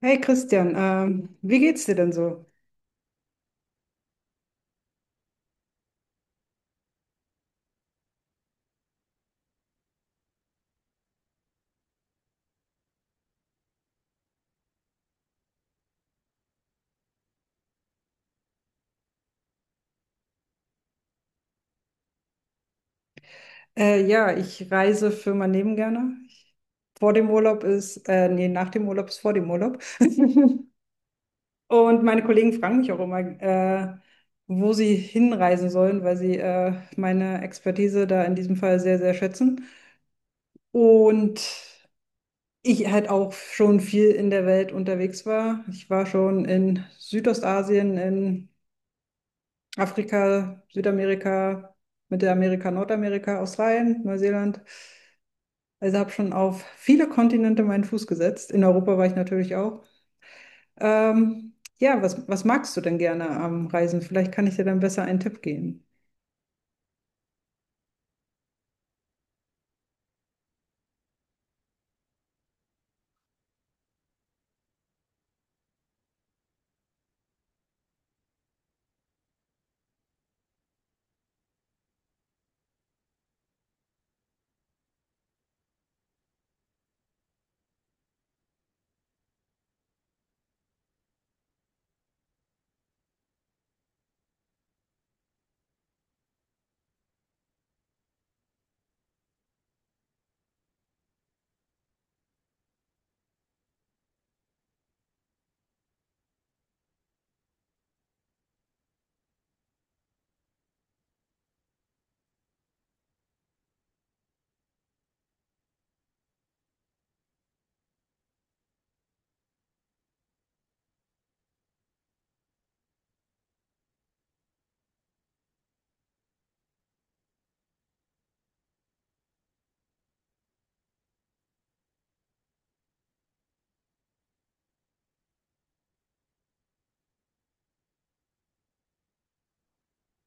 Hey Christian, wie geht's dir denn so? Ja, ich reise für mein Leben gerne. Vor dem Urlaub ist, nee, nach dem Urlaub ist vor dem Urlaub. Und meine Kollegen fragen mich auch immer, wo sie hinreisen sollen, weil sie meine Expertise da in diesem Fall sehr, sehr schätzen. Und ich halt auch schon viel in der Welt unterwegs war. Ich war schon in Südostasien, in Afrika, Südamerika, Mittelamerika, Nordamerika, Australien, Neuseeland. Also habe schon auf viele Kontinente meinen Fuß gesetzt. In Europa war ich natürlich auch. Ja, was magst du denn gerne am Reisen? Vielleicht kann ich dir dann besser einen Tipp geben.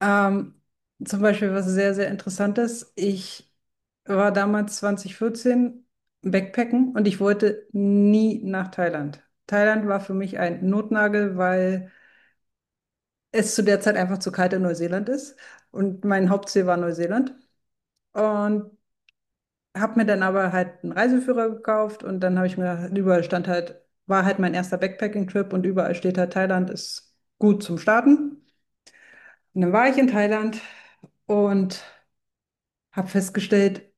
Ähm, Zum Beispiel was sehr, sehr Interessantes. Ich war damals 2014 Backpacken und ich wollte nie nach Thailand. Thailand war für mich ein Notnagel, weil es zu der Zeit einfach zu kalt in Neuseeland ist und mein Hauptziel war Neuseeland. Und habe mir dann aber halt einen Reiseführer gekauft und dann habe ich mir gedacht, überall stand halt, war halt mein erster Backpacking-Trip und überall steht halt, Thailand ist gut zum Starten. Und dann war ich in Thailand und habe festgestellt,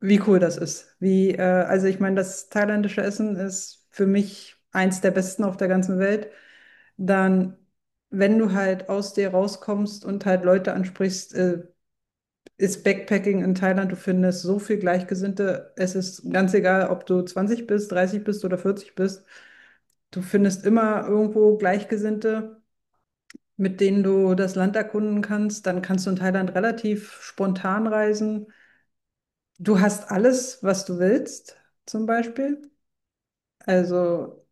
wie cool das ist. Also ich meine, das thailändische Essen ist für mich eins der besten auf der ganzen Welt. Dann, wenn du halt aus dir rauskommst und halt Leute ansprichst, ist Backpacking in Thailand, du findest so viel Gleichgesinnte. Es ist ganz egal, ob du 20 bist, 30 bist oder 40 bist. Du findest immer irgendwo Gleichgesinnte, mit denen du das Land erkunden kannst. Dann kannst du in Thailand relativ spontan reisen. Du hast alles, was du willst, zum Beispiel. Also,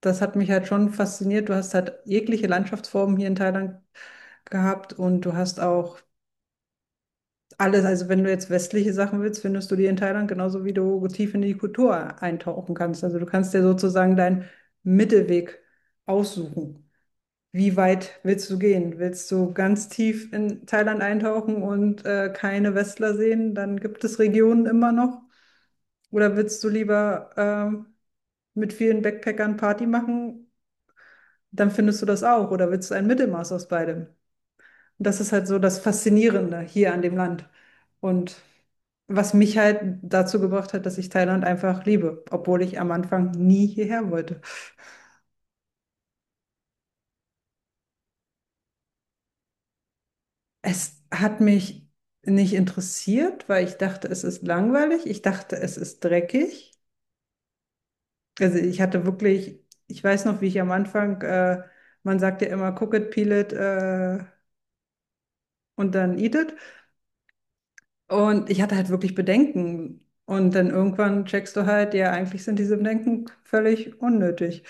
das hat mich halt schon fasziniert. Du hast halt jegliche Landschaftsformen hier in Thailand gehabt und du hast auch alles. Also, wenn du jetzt westliche Sachen willst, findest du die in Thailand genauso, wie du tief in die Kultur eintauchen kannst. Also, du kannst dir sozusagen deinen Mittelweg aussuchen. Wie weit willst du gehen? Willst du ganz tief in Thailand eintauchen und keine Westler sehen? Dann gibt es Regionen immer noch. Oder willst du lieber mit vielen Backpackern Party machen? Dann findest du das auch. Oder willst du ein Mittelmaß aus beidem? Und das ist halt so das Faszinierende hier an dem Land. Und was mich halt dazu gebracht hat, dass ich Thailand einfach liebe, obwohl ich am Anfang nie hierher wollte. Es hat mich nicht interessiert, weil ich dachte, es ist langweilig. Ich dachte, es ist dreckig. Also ich hatte wirklich, ich weiß noch, wie ich am Anfang, man sagt ja immer, cook it, peel it, und dann eat it. Und ich hatte halt wirklich Bedenken. Und dann irgendwann checkst du halt, ja, eigentlich sind diese Bedenken völlig unnötig.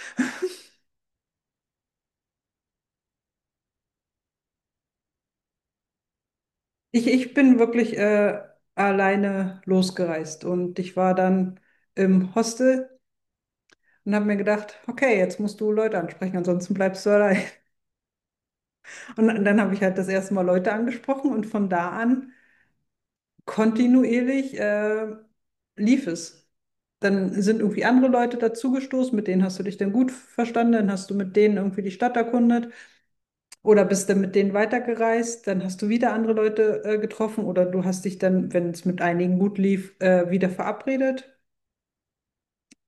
Ich bin wirklich alleine losgereist und ich war dann im Hostel und habe mir gedacht, okay, jetzt musst du Leute ansprechen, ansonsten bleibst du allein. Und dann habe ich halt das erste Mal Leute angesprochen und von da an kontinuierlich lief es. Dann sind irgendwie andere Leute dazugestoßen, mit denen hast du dich dann gut verstanden, dann hast du mit denen irgendwie die Stadt erkundet oder bist dann mit denen weitergereist, dann hast du wieder andere Leute getroffen oder du hast dich dann, wenn es mit einigen gut lief, wieder verabredet.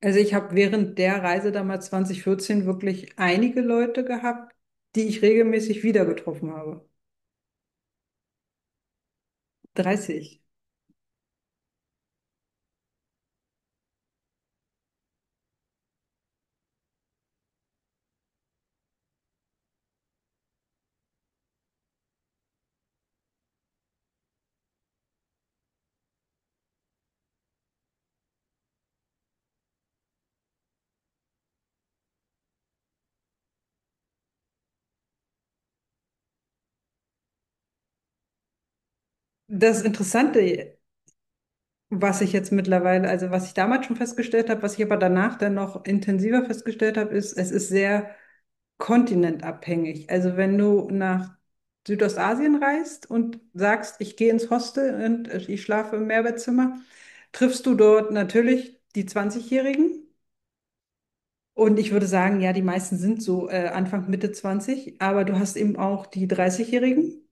Also ich habe während der Reise damals 2014 wirklich einige Leute gehabt, die ich regelmäßig wieder getroffen habe. 30. Das Interessante Was ich jetzt mittlerweile, also was ich damals schon festgestellt habe, was ich aber danach dann noch intensiver festgestellt habe, ist, es ist sehr kontinentabhängig. Also wenn du nach Südostasien reist und sagst, ich gehe ins Hostel und ich schlafe im Mehrbettzimmer, triffst du dort natürlich die zwanzigjährigen. Jährigen Und ich würde sagen, ja, die meisten sind so Anfang, Mitte zwanzig, aber du hast eben auch die dreißigjährigen. Jährigen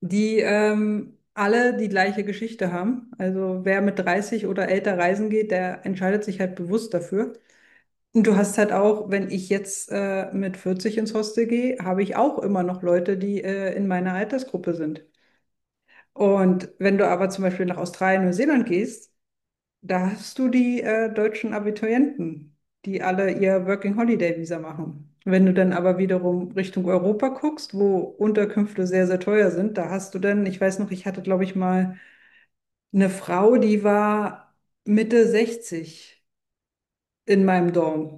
die alle die gleiche Geschichte haben. Also wer mit 30 oder älter reisen geht, der entscheidet sich halt bewusst dafür. Und du hast halt auch, wenn ich jetzt mit 40 ins Hostel gehe, habe ich auch immer noch Leute, die in meiner Altersgruppe sind. Und wenn du aber zum Beispiel nach Australien, Neuseeland gehst, da hast du die deutschen Abiturienten, die alle ihr Working Holiday Visa machen. Wenn du dann aber wiederum Richtung Europa guckst, wo Unterkünfte sehr, sehr teuer sind, da hast du dann, ich weiß noch, ich hatte, glaube ich, mal eine Frau, die war Mitte 60 in meinem Dorf.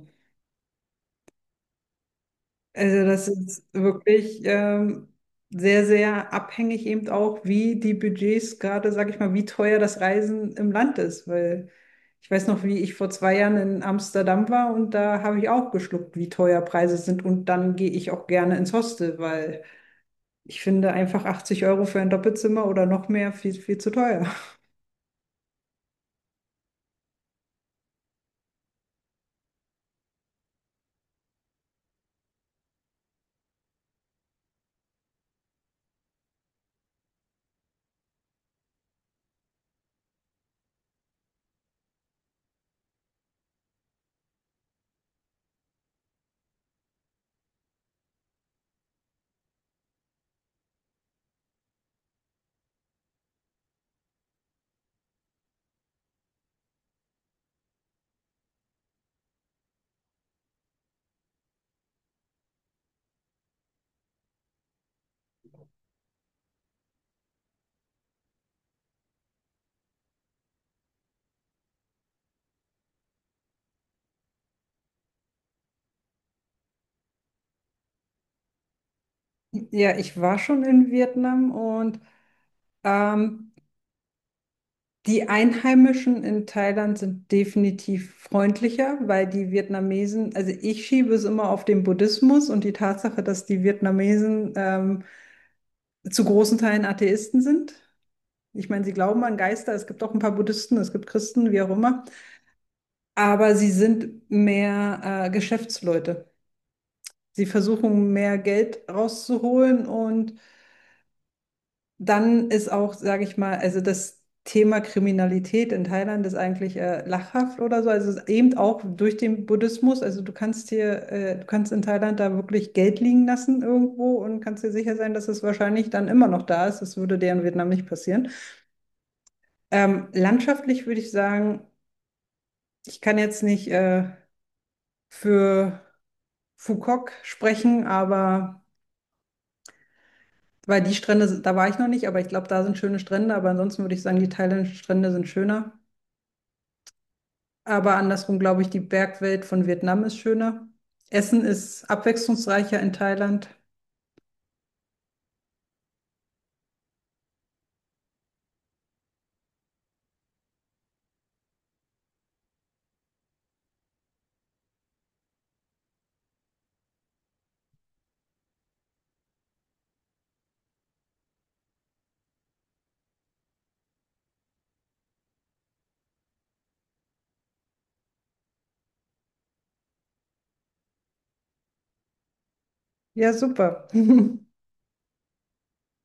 Also das ist wirklich sehr, sehr abhängig eben auch, wie die Budgets gerade, sag ich mal, wie teuer das Reisen im Land ist. Weil ich weiß noch, wie ich vor 2 Jahren in Amsterdam war und da habe ich auch geschluckt, wie teuer Preise sind. Und dann gehe ich auch gerne ins Hostel, weil ich finde einfach 80 € für ein Doppelzimmer oder noch mehr viel, viel zu teuer. Ja, ich war schon in Vietnam, und ähm, die Einheimischen in Thailand sind definitiv freundlicher, weil die Vietnamesen, also ich schiebe es immer auf den Buddhismus und die Tatsache, dass die Vietnamesen zu großen Teilen Atheisten sind. Ich meine, sie glauben an Geister, es gibt auch ein paar Buddhisten, es gibt Christen, wie auch immer, aber sie sind mehr Geschäftsleute. Sie versuchen, mehr Geld rauszuholen, und dann ist auch, sage ich mal, also das Thema Kriminalität in Thailand ist eigentlich lachhaft oder so. Also es ist eben auch durch den Buddhismus. Also du kannst hier, du kannst in Thailand da wirklich Geld liegen lassen irgendwo und kannst dir sicher sein, dass es wahrscheinlich dann immer noch da ist. Das würde dir in Vietnam nicht passieren. Landschaftlich würde ich sagen, ich kann jetzt nicht für Phuket sprechen, aber weil die Strände, da war ich noch nicht, aber ich glaube, da sind schöne Strände. Aber ansonsten würde ich sagen, die thailändischen Strände sind schöner. Aber andersrum glaube ich, die Bergwelt von Vietnam ist schöner. Essen ist abwechslungsreicher in Thailand. Ja, super.